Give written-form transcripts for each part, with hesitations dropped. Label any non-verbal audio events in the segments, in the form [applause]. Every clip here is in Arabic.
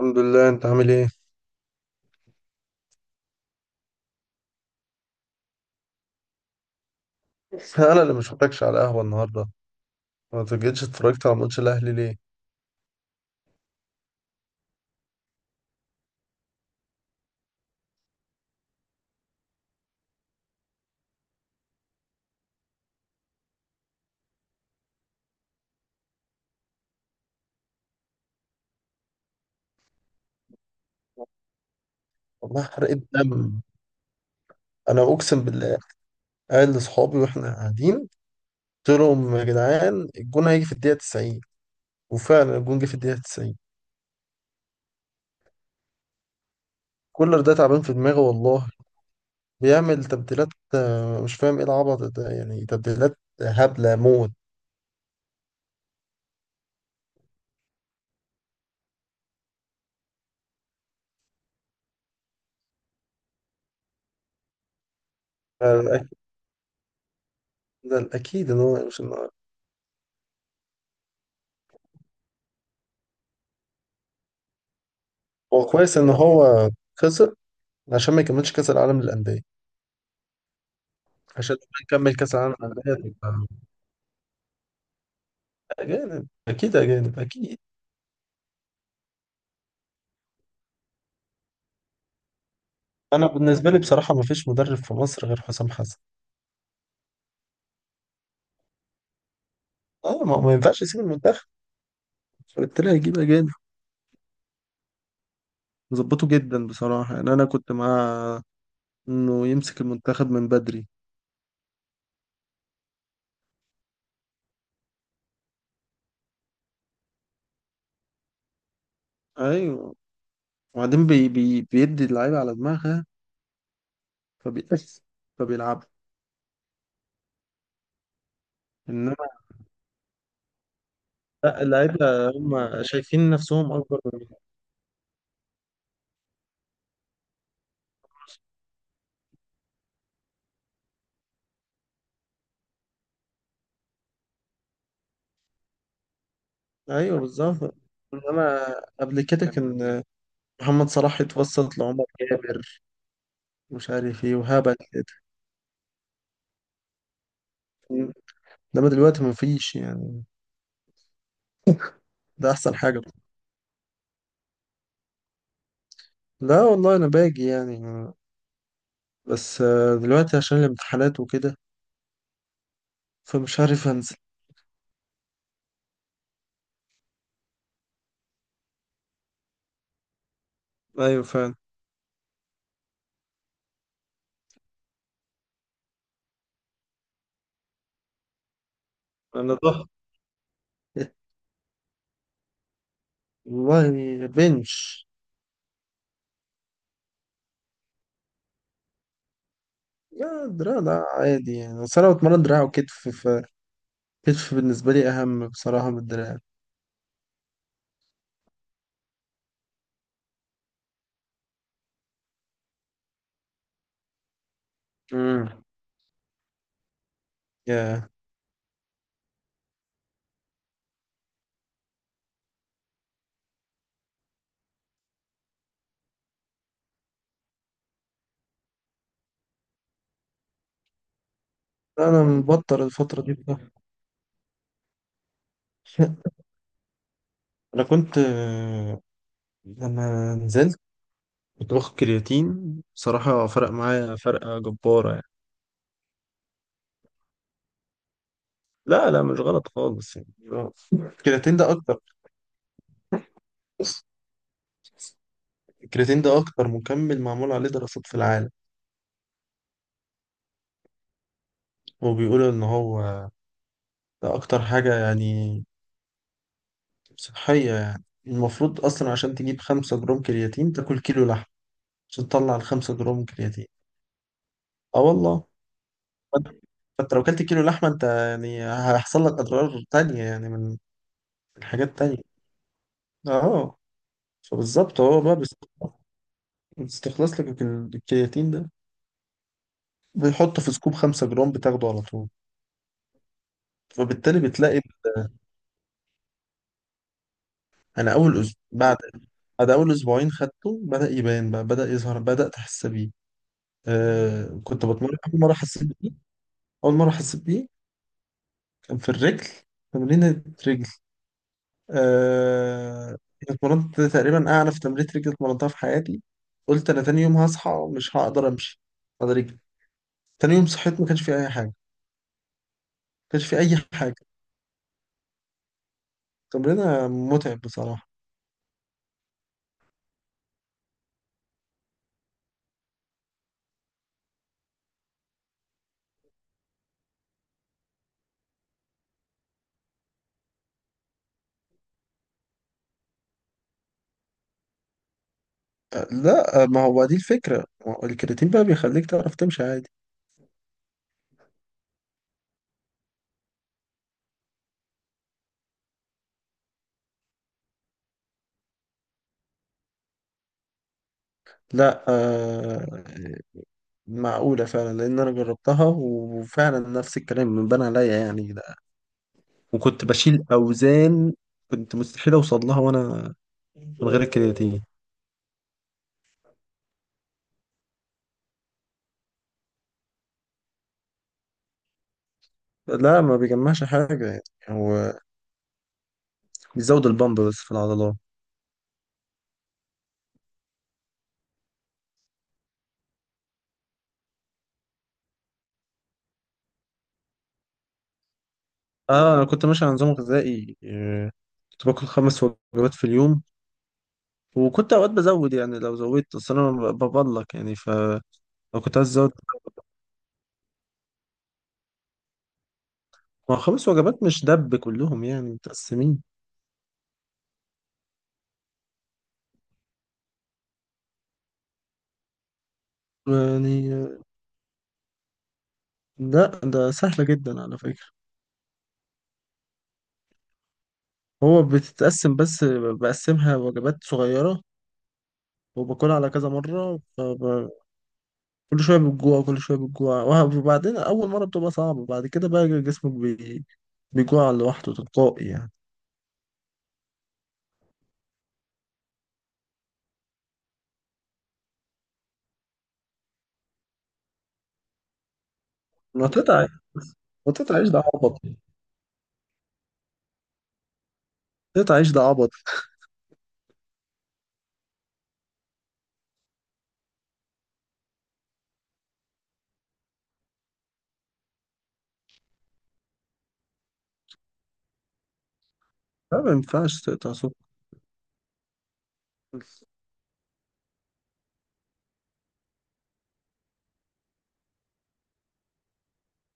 الحمد لله، انت عامل ايه؟ [laughs] انا اللي ما شفتكش على قهوه النهارده. ما جيتش اتفرجت على ماتش الاهلي ليه؟ والله حرقت دم. انا اقسم بالله، قايل لاصحابي واحنا قاعدين، قلت لهم يا جدعان الجون هيجي في الدقيقه 90، وفعلا الجون جه في الدقيقه 90. كولر ده تعبان في دماغه والله. بيعمل تبديلات. مش فاهم ايه العبط ده، يعني تبديلات هبله موت. فالأك- ده الاكيد ان هو مش النهارده. هو كويس ان هو خسر، عشان ما يكملش كاس العالم للانديه، عشان لما نكمل كاس العالم للانديه. أجانب أكيد، أجانب أكيد. أنا بالنسبة لي بصراحة ما فيش مدرب في مصر غير حسام حسن. أه، ما ينفعش يسيب المنتخب، فبالتالي هيجيب أجانب. ظبطه جدا بصراحة، يعني أنا كنت مع إنه يمسك المنتخب من بدري. أيوه. وبعدين بي بي بيدي اللعيبة على دماغها، فبيأس، فبيلعبوا. إنما لا، اللعيبة هم شايفين نفسهم أكبر منهم. أيوه بالظبط. إنما قبل كده كان محمد صلاح يتوسط لعمر جابر، مش عارف إيه وهبل كده. انما دلوقتي مفيش يعني. [laughs] ده احسن حاجة. لا والله انا باجي يعني، بس دلوقتي عشان الامتحانات وكده، فمش عارف انزل. ايوه فعلا. انا ضحى، والله. بنش. يا دراع ده عادي يعني، بس انا بتمرن دراع وكتف، فكتف بالنسبة لي اهم بصراحة من الدراع. امم يا انا مبطل الفترة دي بقى. [laughs] انا كنت لما نزلت كنت باخد كرياتين، بصراحة فرق معايا فرقة جبارة. لا لا، مش غلط خالص، يعني مش غلط. بص الكرياتين ده اكتر مكمل معمول عليه دراسات في العالم، وبيقولوا ان هو ده اكتر حاجة يعني صحية. يعني المفروض اصلا عشان تجيب خمسة جرام كرياتين تاكل كيلو لحم، عشان تطلع الخمسة جرام كرياتين. اه والله. فانت، فأنت لو كلت كيلو لحمة انت يعني هيحصل لك اضرار تانية، يعني من حاجات تانية. اه فبالظبط هو بقى بيستخلص، بيستخلص لك الكرياتين ده، بيحطه في سكوب خمسة جرام بتاخده على طول. فبالتالي بتلاقي، انا اول اسبوع بعد اول اسبوعين خدته بدأ يبان بقى، بدأ يظهر، بدأت احس بيه. كنت بتمرن اول مره حسيت بيه. اول مره حسيت بيه كان في الرجل، تمرين رجل. آه اتمرنت تقريبا اعنف تمرين رجل اتمرنتها في حياتي. قلت انا تاني يوم هصحى مش هقدر امشي، هقدر رجلي. تاني يوم صحيت ما كانش في اي حاجه، ما كانش في اي حاجه تمرينه متعب بصراحه. لا، ما هو دي الفكره، ما هو الكرياتين بقى بيخليك تعرف تمشي عادي. لا، معقولة فعلا، لأن أنا جربتها وفعلا نفس الكلام بان عليا يعني ده. وكنت بشيل أوزان كنت مستحيل أوصل لها وأنا من غير الكرياتين. لا ما بيجمعش حاجة يعني، هو بيزود البامب بس في العضلات. اه انا كنت ماشي على نظام غذائي، كنت باكل خمس وجبات في اليوم. وكنت اوقات بزود يعني، لو زودت اصل انا ببلك، يعني فلو كنت عايز ازود. ما هو خمس وجبات مش دب كلهم يعني متقسمين يعني. لا ده سهلة جدا على فكرة. هو بتتقسم بس، بقسمها وجبات صغيرة وباكلها على كذا مرة. كل شوية بتجوع، كل شوية بتجوع. وبعدين أول مرة بتبقى صعبة، بعد كده بقى جسمك بي... بيجوع لوحده تلقائي يعني. ما تقطع ما تقطعيش، ده عبط. تقطعيش ده عبط. لا ما ينفعش تقطع سكر.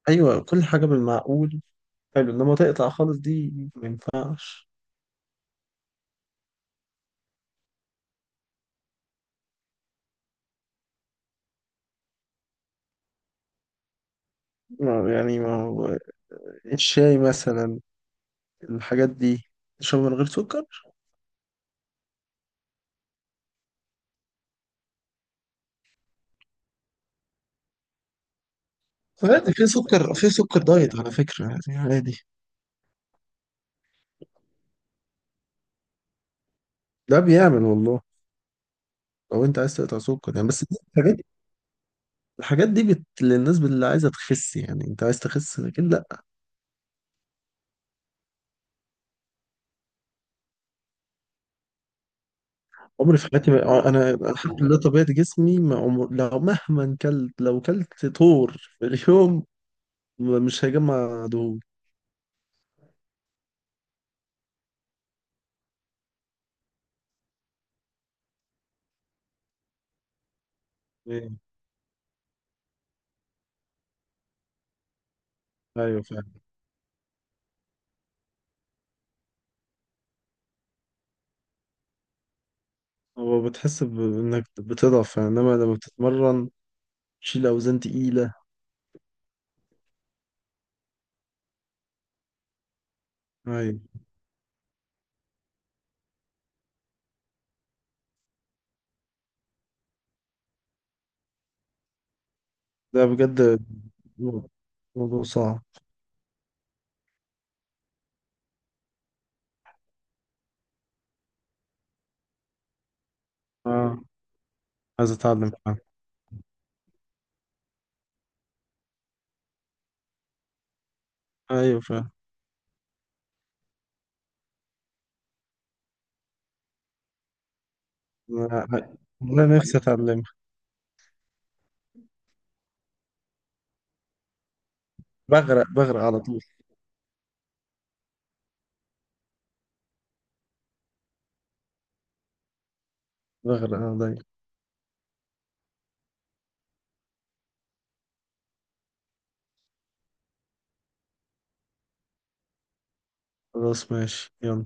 أيوة، كل حاجة بالمعقول حلو، إنما تقطع خالص دي ما ينفعش. يعني ما هو الشاي مثلا، الحاجات دي تشرب من غير سكر. عادي، في سكر دايت على فكرة، يعني عادي. ده بيعمل والله، لو انت عايز تقطع سكر يعني. بس دي الحاجات، الحاجات دي بت... للناس اللي عايزه تخس يعني. انت عايز تخس، لكن لا. عمري في حياتي ما... انا الحمد لله طبيعه جسمي، ما عمر... لو مهما كلت، لو كلت طور في اليوم مش هيجمع دهون. ايه. ايوه فعلا. هو بتحس بانك بتضعف يعني، انما لما بتتمرن تشيل اوزان تقيله. ايوه ده بجد موضوع، موضوع صعب. اه عايز اتعلم فعلا. ايوه فعلا. انا أنا نفسي اتعلمها. بغرق، بغرق على طول. بغرق انا دايما. خلاص ماشي يلا